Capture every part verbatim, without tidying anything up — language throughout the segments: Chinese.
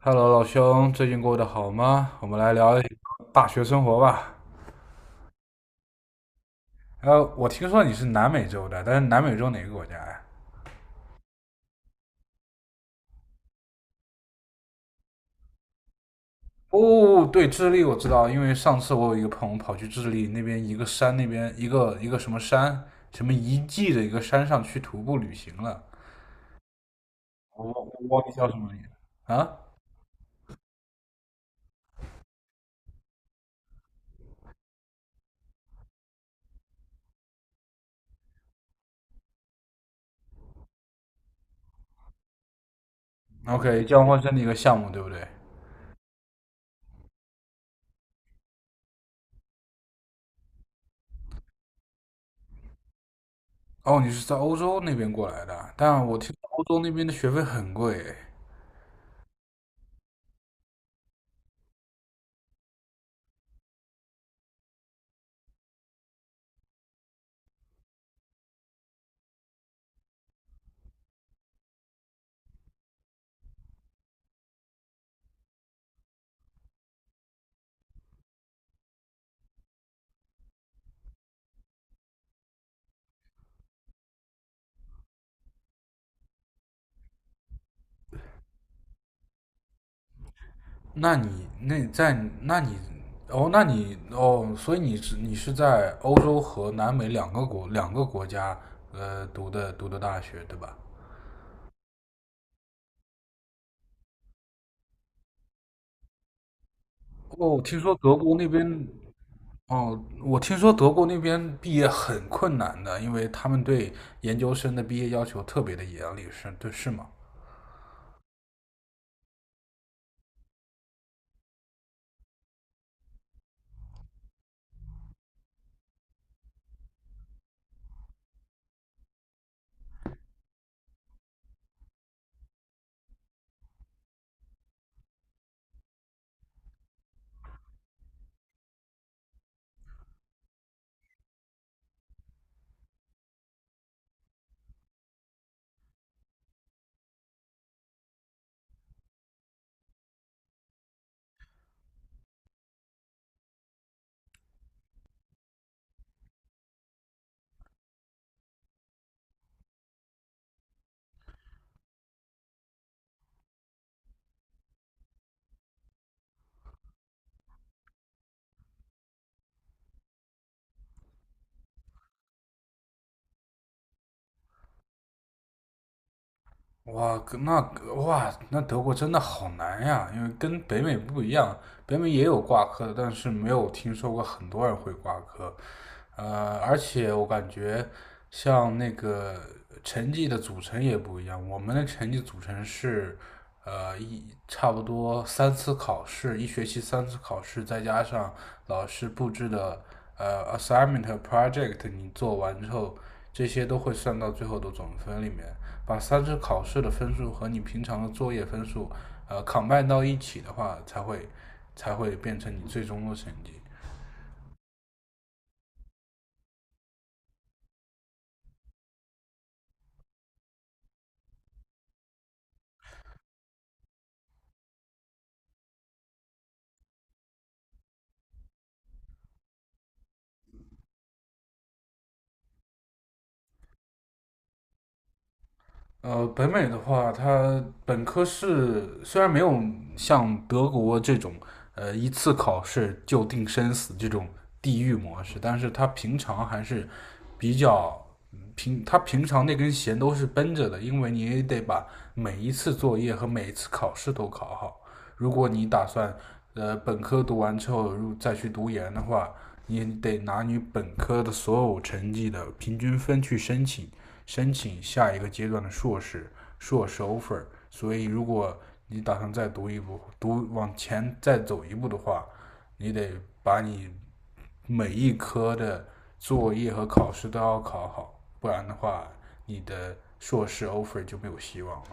Hello，老兄，最近过得好吗？我们来聊一聊大学生活吧。呃，我听说你是南美洲的，但是南美洲哪个国家呀？哦，对，智利我知道，因为上次我有一个朋友跑去智利那边一个山，那边一个一个什么山，什么遗迹的一个山上去徒步旅行了。我忘我忘记叫什么名了啊？OK，交换生的一个项目，对不对？哦，你是在欧洲那边过来的，但我听说欧洲那边的学费很贵。那你那在那你哦，那你哦，所以你是你是在欧洲和南美两个国两个国家呃读的读的大学对吧？哦，听说德国那边哦，我听说德国那边毕业很困难的，因为他们对研究生的毕业要求特别的严厉，是对是吗？哇，那哇，那德国真的好难呀，因为跟北美不一样，北美也有挂科的，但是没有听说过很多人会挂科。呃，而且我感觉像那个成绩的组成也不一样，我们的成绩组成是呃一差不多三次考试，一学期三次考试，再加上老师布置的呃 assignment 和 project，你做完之后，这些都会算到最后的总分里面。把三次考试的分数和你平常的作业分数，呃，combine 到一起的话，才会才会变成你最终的成绩。呃，北美的话，它本科是虽然没有像德国这种呃一次考试就定生死这种地狱模式，但是它平常还是比较平，它平常那根弦都是绷着的，因为你也得把每一次作业和每一次考试都考好。如果你打算呃本科读完之后如再去读研的话，你得拿你本科的所有成绩的平均分去申请。申请下一个阶段的硕士、硕士 offer。所以，如果你打算再读一步，读往前再走一步的话，你得把你每一科的作业和考试都要考好，不然的话，你的硕士 offer 就没有希望了。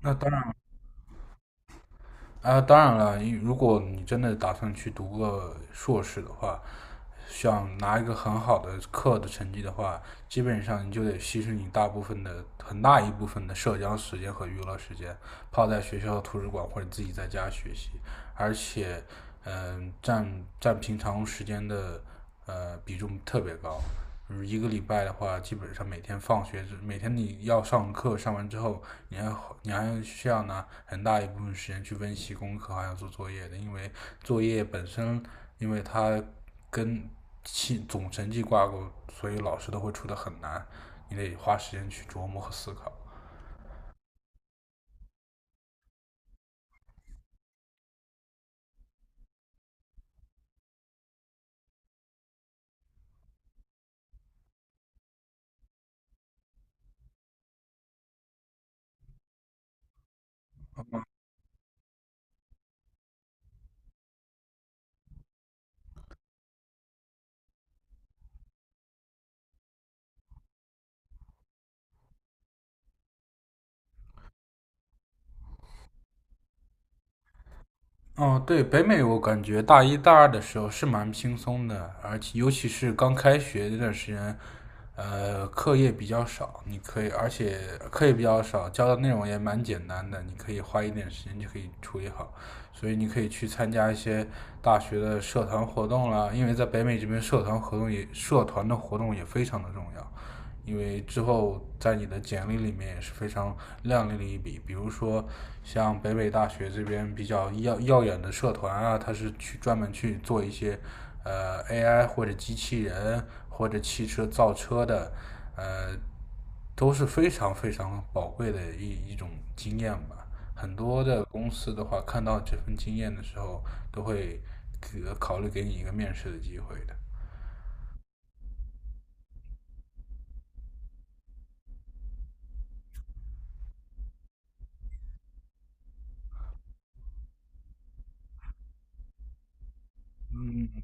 那当然，啊，当然了，如果你真的打算去读个硕士的话，想拿一个很好的课的成绩的话，基本上你就得牺牲你大部分的很大一部分的社交时间和娱乐时间，泡在学校图书馆或者自己在家学习，而且，嗯、呃占占平常时间的呃比重特别高。就是一个礼拜的话，基本上每天放学每天你要上课，上完之后，你还你还需要拿很大一部分时间去温习功课，还要做作业的，因为作业本身，因为它跟期总成绩挂钩，所以老师都会出的很难，你得花时间去琢磨和思考。哦，对，北美我感觉大一大二的时候是蛮轻松的，而且尤其是刚开学那段时间，呃，课业比较少，你可以，而且课业比较少，教的内容也蛮简单的，你可以花一点时间就可以处理好，所以你可以去参加一些大学的社团活动啦，因为在北美这边社团活动也，社团的活动也非常的重要。因为之后在你的简历里面也是非常亮丽的一笔。比如说，像北北大学这边比较耀耀眼的社团啊，它是去专门去做一些呃 A I 或者机器人或者汽车造车的，呃，都是非常非常宝贵的一一种经验吧。很多的公司的话，看到这份经验的时候，都会给考虑给你一个面试的机会的。嗯，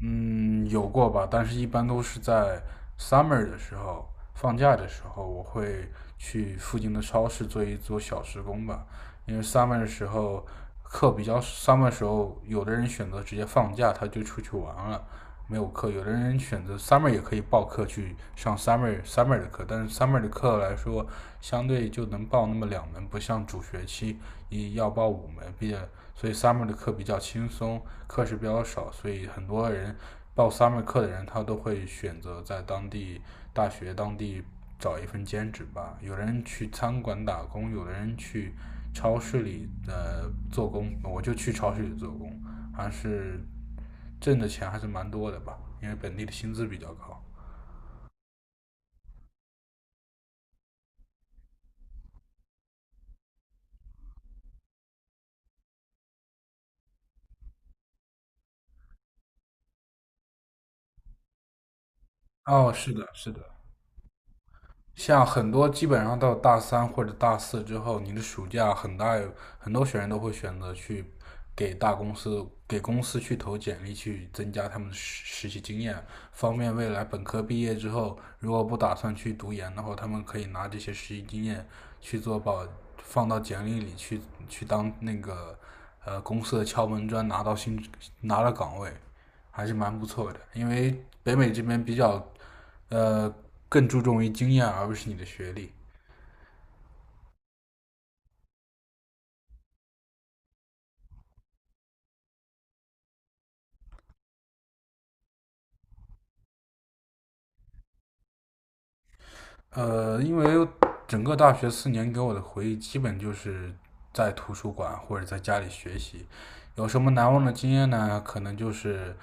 嗯，有过吧，但是一般都是在 summer 的时候，放假的时候，我会去附近的超市做一做小时工吧。因为 summer 的时候课比较，summer 的时候，有的人选择直接放假，他就出去玩了，没有课；有的人选择 summer 也可以报课去上 summer summer 的课，但是 summer 的课来说，相对就能报那么两门，不像主学期一要报五门，毕业，所以 summer 的课比较轻松。课时比较少，所以很多人报 summer 课的人，他都会选择在当地大学当地找一份兼职吧。有人去餐馆打工，有的人去超市里呃做工，我就去超市里做工，还是挣的钱还是蛮多的吧，因为本地的薪资比较高。哦，是的，是的。像很多基本上到大三或者大四之后，你的暑假很大有很多学员都会选择去给大公司、给公司去投简历，去增加他们的实实习经验，方便未来本科毕业之后，如果不打算去读研的话，他们可以拿这些实习经验去做保，放到简历里去去当那个呃公司的敲门砖，拿到薪拿到岗位，还是蛮不错的。因为北美这边比较呃，更注重于经验而不是你的学历。呃，因为整个大学四年给我的回忆，基本就是在图书馆或者在家里学习。有什么难忘的经验呢？可能就是，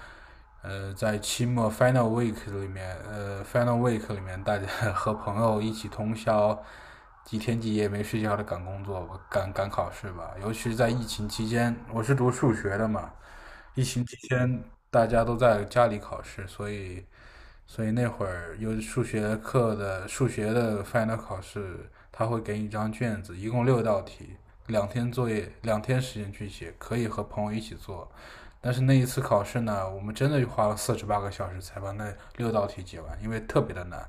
呃，在期末 final week 里面，呃，final week 里面，大家和朋友一起通宵，几天几夜没睡觉的赶工作赶赶考试吧。尤其是在疫情期间，我是读数学的嘛，疫情期间大家都在家里考试，所以所以那会儿有数学课的数学的 final 考试，他会给你一张卷子，一共六道题，两天作业，两天时间去写，可以和朋友一起做。但是那一次考试呢，我们真的花了四十八个小时才把那六道题解完，因为特别的难。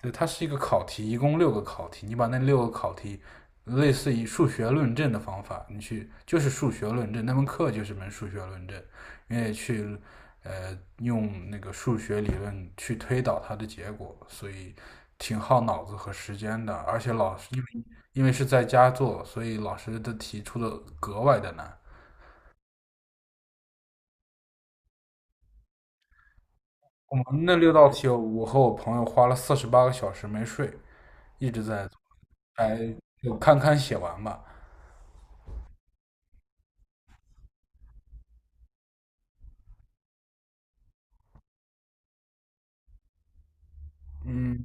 对，它是一个考题，一共六个考题，你把那六个考题，类似于数学论证的方法，你去就是数学论证，那门课就是门数学论证，你也去呃用那个数学理论去推导它的结果，所以挺耗脑子和时间的，而且老师因为因为是在家做，所以老师的题出的格外的难。我们那六道题，我和我朋友花了四十八个小时没睡，一直在做，就有堪堪写完吧。嗯，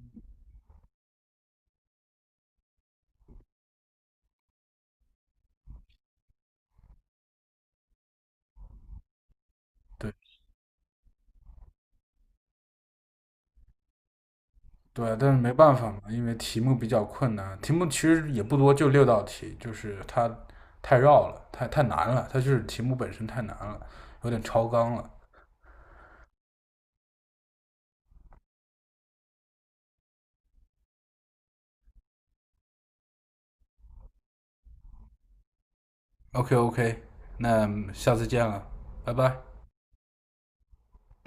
对对，但是没办法嘛，因为题目比较困难，题目其实也不多，就六道题，就是它太绕了，太太难了，它就是题目本身太难了，有点超纲了。OK OK，那下次见了，拜拜。